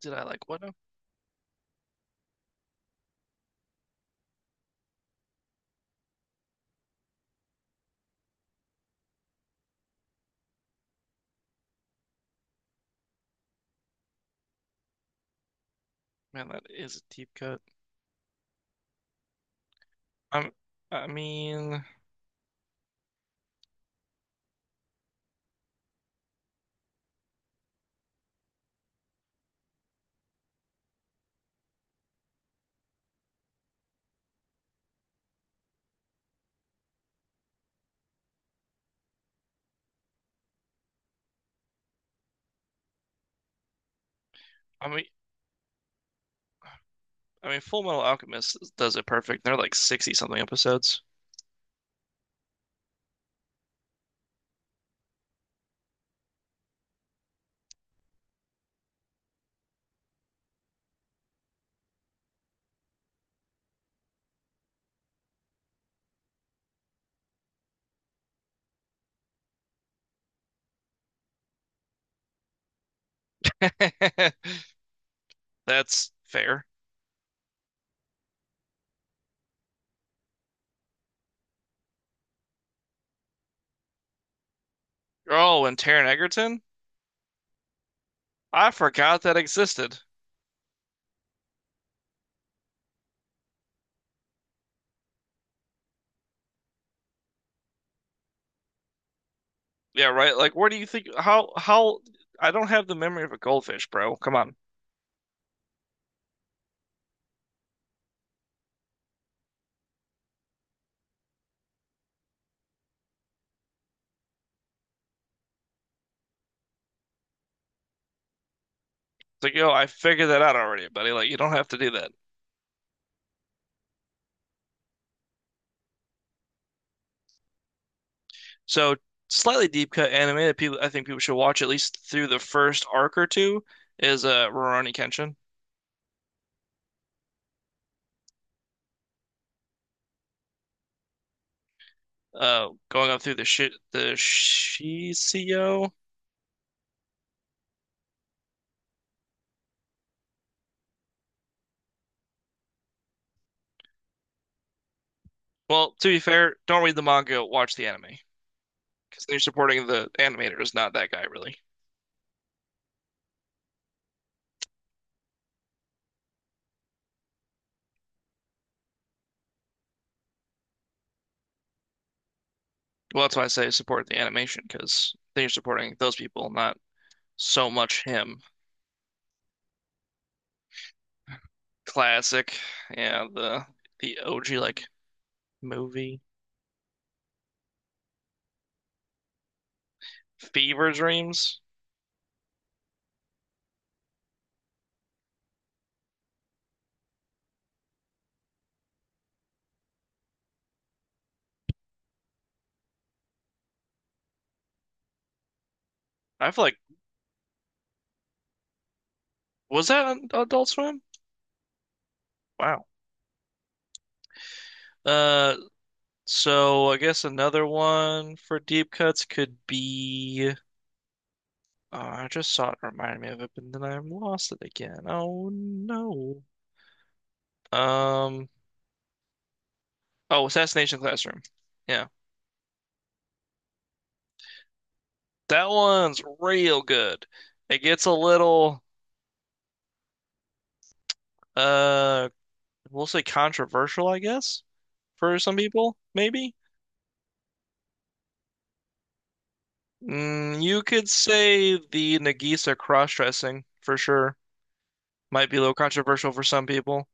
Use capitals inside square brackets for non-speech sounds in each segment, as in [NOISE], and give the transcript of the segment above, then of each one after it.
Did I like what? Man, that is a deep cut. I'm, I mean, I mean, I mean, Full Metal Alchemist does it perfect. They're like 60 something episodes. [LAUGHS] That's fair. Oh, and Taron Egerton? I forgot that existed. Yeah, right. Like, where do you think, how, I don't have the memory of a goldfish, bro. Come on. It's like, yo, I figured that out already, buddy. Like, you don't have to do that. So, slightly deep cut anime that people, I think people should watch at least through the first arc or two is Rurouni Kenshin, going up through the shi the Shiseo. Well, to be fair, don't read the manga, watch the anime because then you're supporting the animator, is not that guy really. Well, that's why I say support the animation because then you're supporting those people, not so much him. Classic, yeah, the OG like movie. Fever Dreams. I feel like, was that on Adult Swim? Wow. Uh, so I guess another one for deep cuts could be, oh, I just saw it and reminded me of it, but then I've lost it again. Oh no. Um, oh, Assassination Classroom. Yeah. That one's real good. It gets a little uh we'll say controversial, I guess, for some people, maybe. Mm, you could say the Nagisa cross-dressing for sure might be a little controversial for some people.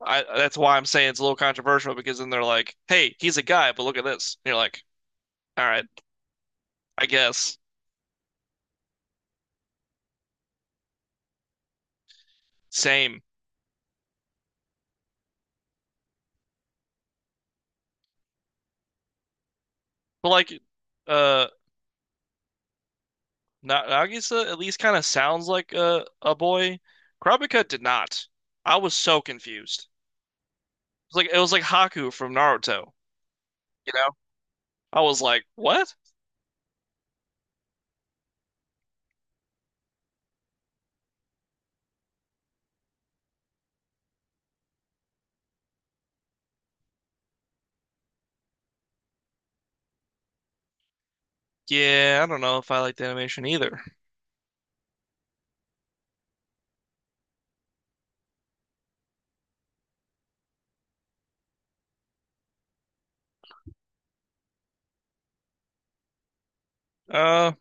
I That's why I'm saying it's a little controversial because then they're like, "Hey, he's a guy, but look at this." And you're like, "All right, I guess." Same. But like, uh Na Nagisa at least kind of sounds like a boy. Kurapika did not. I was so confused. It was like, it was like Haku from Naruto, you know? I was like, "What?" Yeah, I don't know if I like the animation either. Uh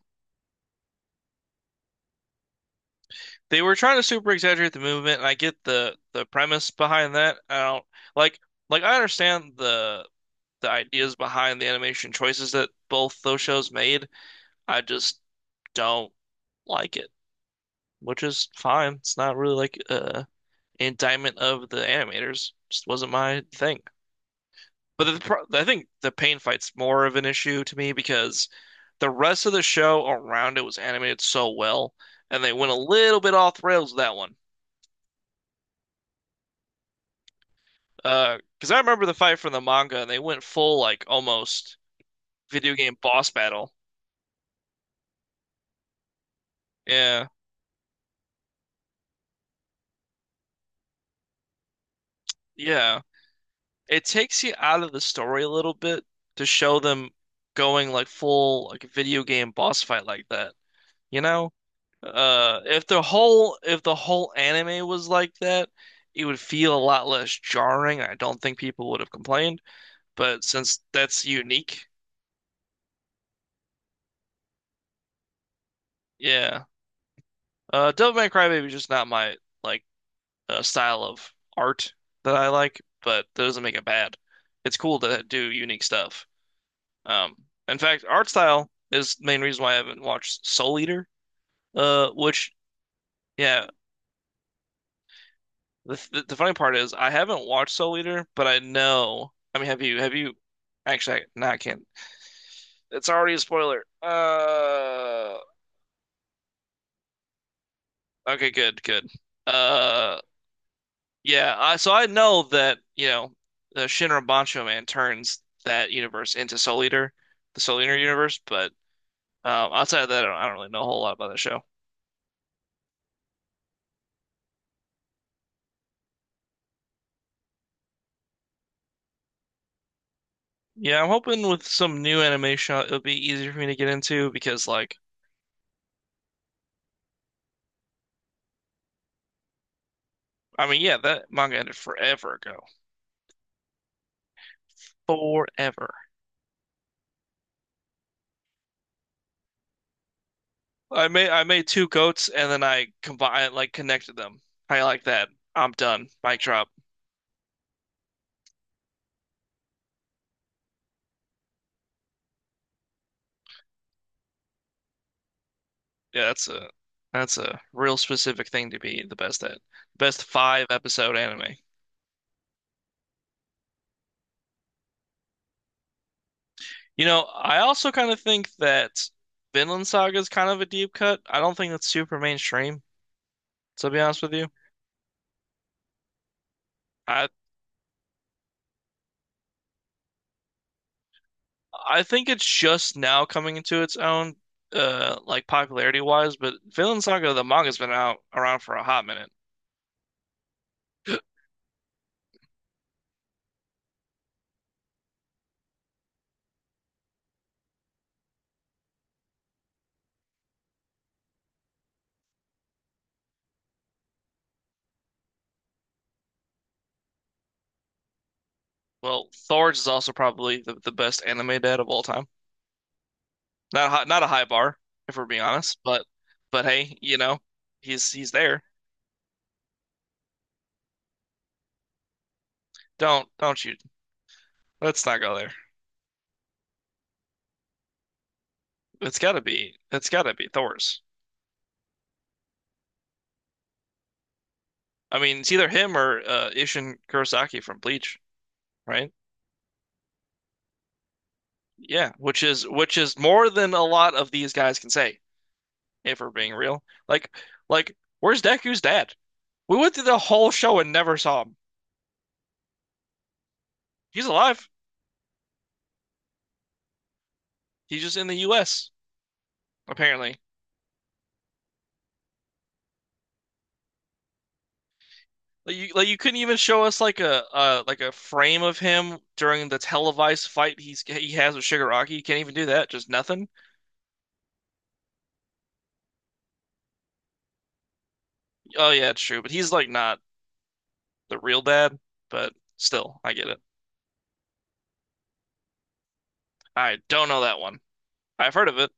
they were trying to super exaggerate the movement and I get the premise behind that. I don't like like I understand the ideas behind the animation choices that both those shows made. I just don't like it, which is fine. It's not really like an indictment of the animators. Just wasn't my thing. But the, pro I think the pain fight's more of an issue to me because the rest of the show around it was animated so well, and they went a little bit off the rails with that one. Because I remember the fight from the manga, and they went full like almost video game boss battle. Yeah, yeah. It takes you out of the story a little bit to show them going like full like video game boss fight like that. You know? If the whole anime was like that, it would feel a lot less jarring. I don't think people would have complained. But since that's unique, yeah. Devil May Cry Baby is just not my like, style of art that I like, but that doesn't make it bad. It's cool to do unique stuff. Um, in fact, art style is the main reason why I haven't watched Soul Eater. Which, yeah. The funny part is I haven't watched Soul Eater, but I know. I mean, have you? Have you? Actually, no, I can't. It's already a spoiler. Okay, good, good. Uh, yeah. I, so I know that you know, Shinra Bancho Man turns that universe into Soul Eater, the Soul Eater universe. But outside of that, I don't really know a whole lot about that show. Yeah, I'm hoping with some new animation, it'll be easier for me to get into because, like, I mean, yeah, that manga ended forever ago, forever. I made two goats and then I combined, like, connected them. I like that. I'm done. Mic drop. Yeah, that's a, that's a real specific thing to be the best at. Best five episode anime. You know, I also kind of think that Vinland Saga is kind of a deep cut. I don't think that's super mainstream, to be honest with you. I I think it's just now coming into its own, like popularity wise. But Vinland Saga, the manga's been out around for a hot minute. Well, Thor's is also probably the best anime dad of all time. Not a high bar, if we're being honest, but hey, you know, he's there. Don't you? Let's not go there. It's gotta be, it's gotta be Thor's. I mean, it's either him or Isshin Kurosaki from Bleach, right? Yeah, which is, which is more than a lot of these guys can say, if we're being real. Like like, where's Deku's dad? We went through the whole show and never saw him. He's alive. He's just in the U.S. apparently. Like you couldn't even show us like a frame of him during the televised fight he has with Shigaraki. You can't even do that. Just nothing. Oh yeah, it's true. But he's like not the real dad. But still, I get it. I don't know that one. I've heard of it.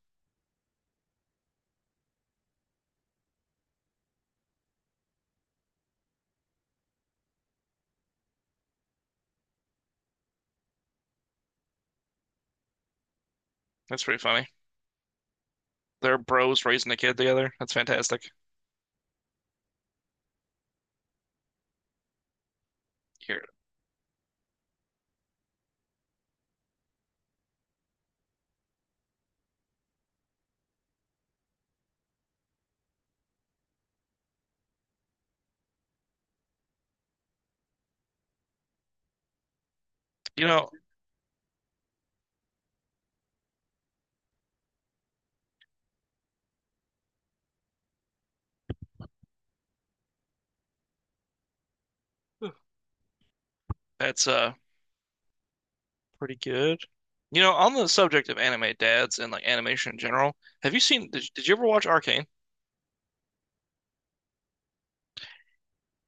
That's pretty funny. They're bros raising a kid together. That's fantastic. Here, you know, that's pretty good. You know, on the subject of anime dads and like animation in general, have you seen? Did you ever watch Arcane?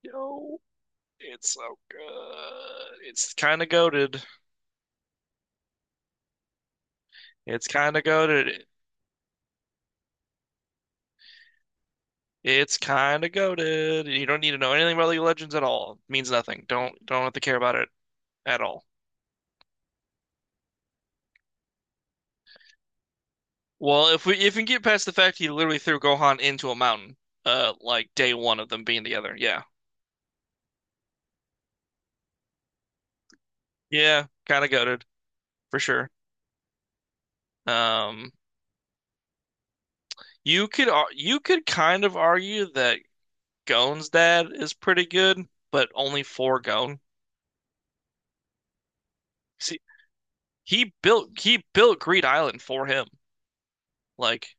No. It's so good. It's kind of goaded. It's kind of goaded. It's kind of goaded. You don't need to know anything about League of Legends at all. It means nothing. Don't have to care about it at all. Well, if we get past the fact he literally threw Gohan into a mountain, like day one of them being together, yeah, yeah, kind of goaded for sure. Um, you could you could kind of argue that Gon's dad is pretty good, but only for Gon. See, he built Greed Island for him. Like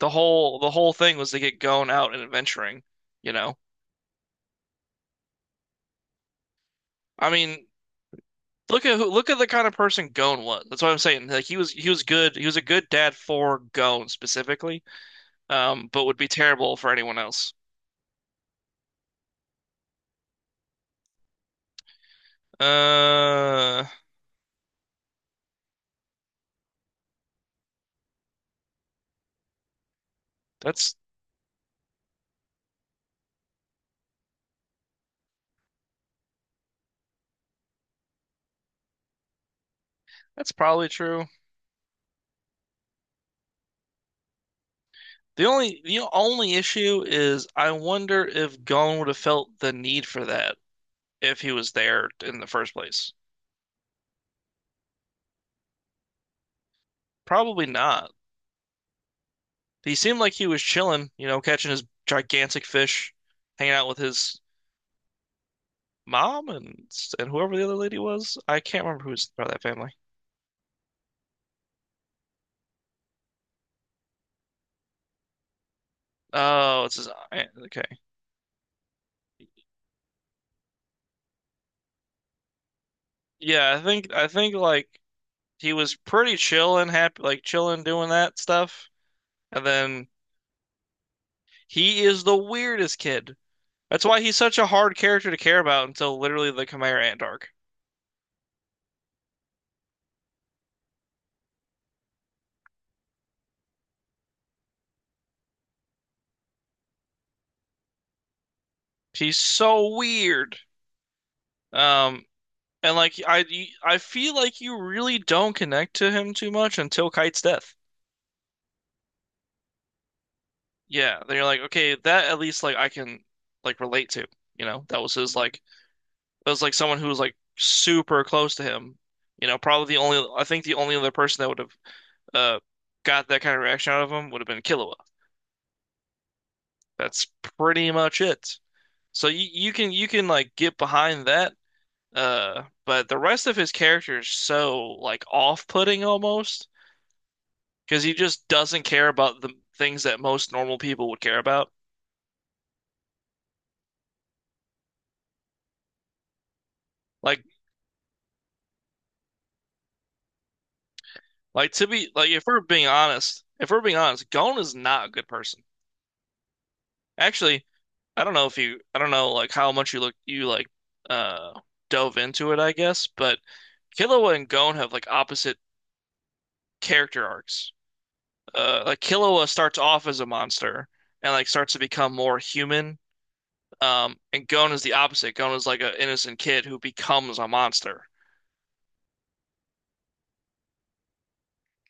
the whole thing was to get Gon out and adventuring, you know. I mean, look at who, look at the kind of person Gon was. That's what I'm saying. Like he was, he was good. He was a good dad for Gon specifically, but would be terrible for anyone else. Uh, that's that's probably true. The only issue is I wonder if Gon would have felt the need for that if he was there in the first place. Probably not. He seemed like he was chilling, you know, catching his gigantic fish, hanging out with his mom and whoever the other lady was. I can't remember who's part of that family. Oh, it's his aunt. Okay. Yeah, I think like he was pretty chill and happy, like chilling doing that stuff. And then he is the weirdest kid. That's why he's such a hard character to care about until literally the Khmer Ant arc. He's so weird. Um, And like I feel like you really don't connect to him too much until Kite's death. Yeah, then you're like, okay, that at least like I can like relate to, you know? That was his like, that was like someone who was like super close to him. You know, probably the only, I think the only other person that would have uh got that kind of reaction out of him would have been Killua. That's pretty much it. So you can, you can like get behind that, but the rest of his character is so like off-putting almost because he just doesn't care about the things that most normal people would care about. Like, like, to be like, if we're being honest, Gon is not a good person. Actually, I don't know if you, I don't know like how much you look, you like, uh, dove into it, I guess. But Killua and Gon have like opposite character arcs. Like Killua starts off as a monster and like starts to become more human. And Gon is the opposite. Gon is like an innocent kid who becomes a monster.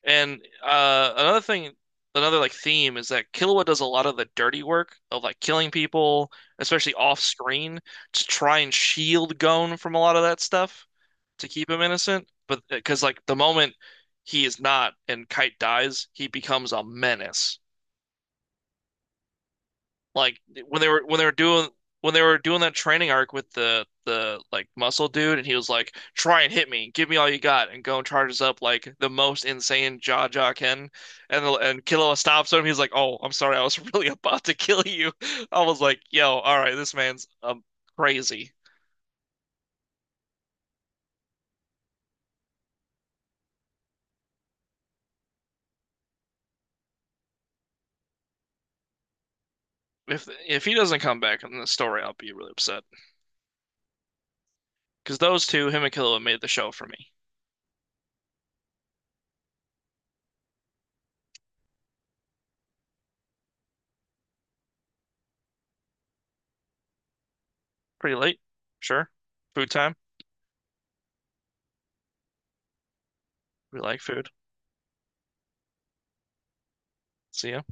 And another thing, another like theme is that Killua does a lot of the dirty work of like killing people, especially off screen, to try and shield Gon from a lot of that stuff to keep him innocent. But because like the moment he is not and Kite dies, he becomes a menace, like when they were doing when they were doing that training arc with the like muscle dude and he was like, try and hit me, give me all you got, and go and charges up like the most insane jaw can, and and Killua stops him, he's like, oh, I'm sorry, I was [LAUGHS] really about to kill you. I was like, yo, all right, this man's, crazy. If he doesn't come back in the story, I'll be really upset, because those two, him and Killua, made the show for me. Pretty late. Sure. Food time. We like food. See ya.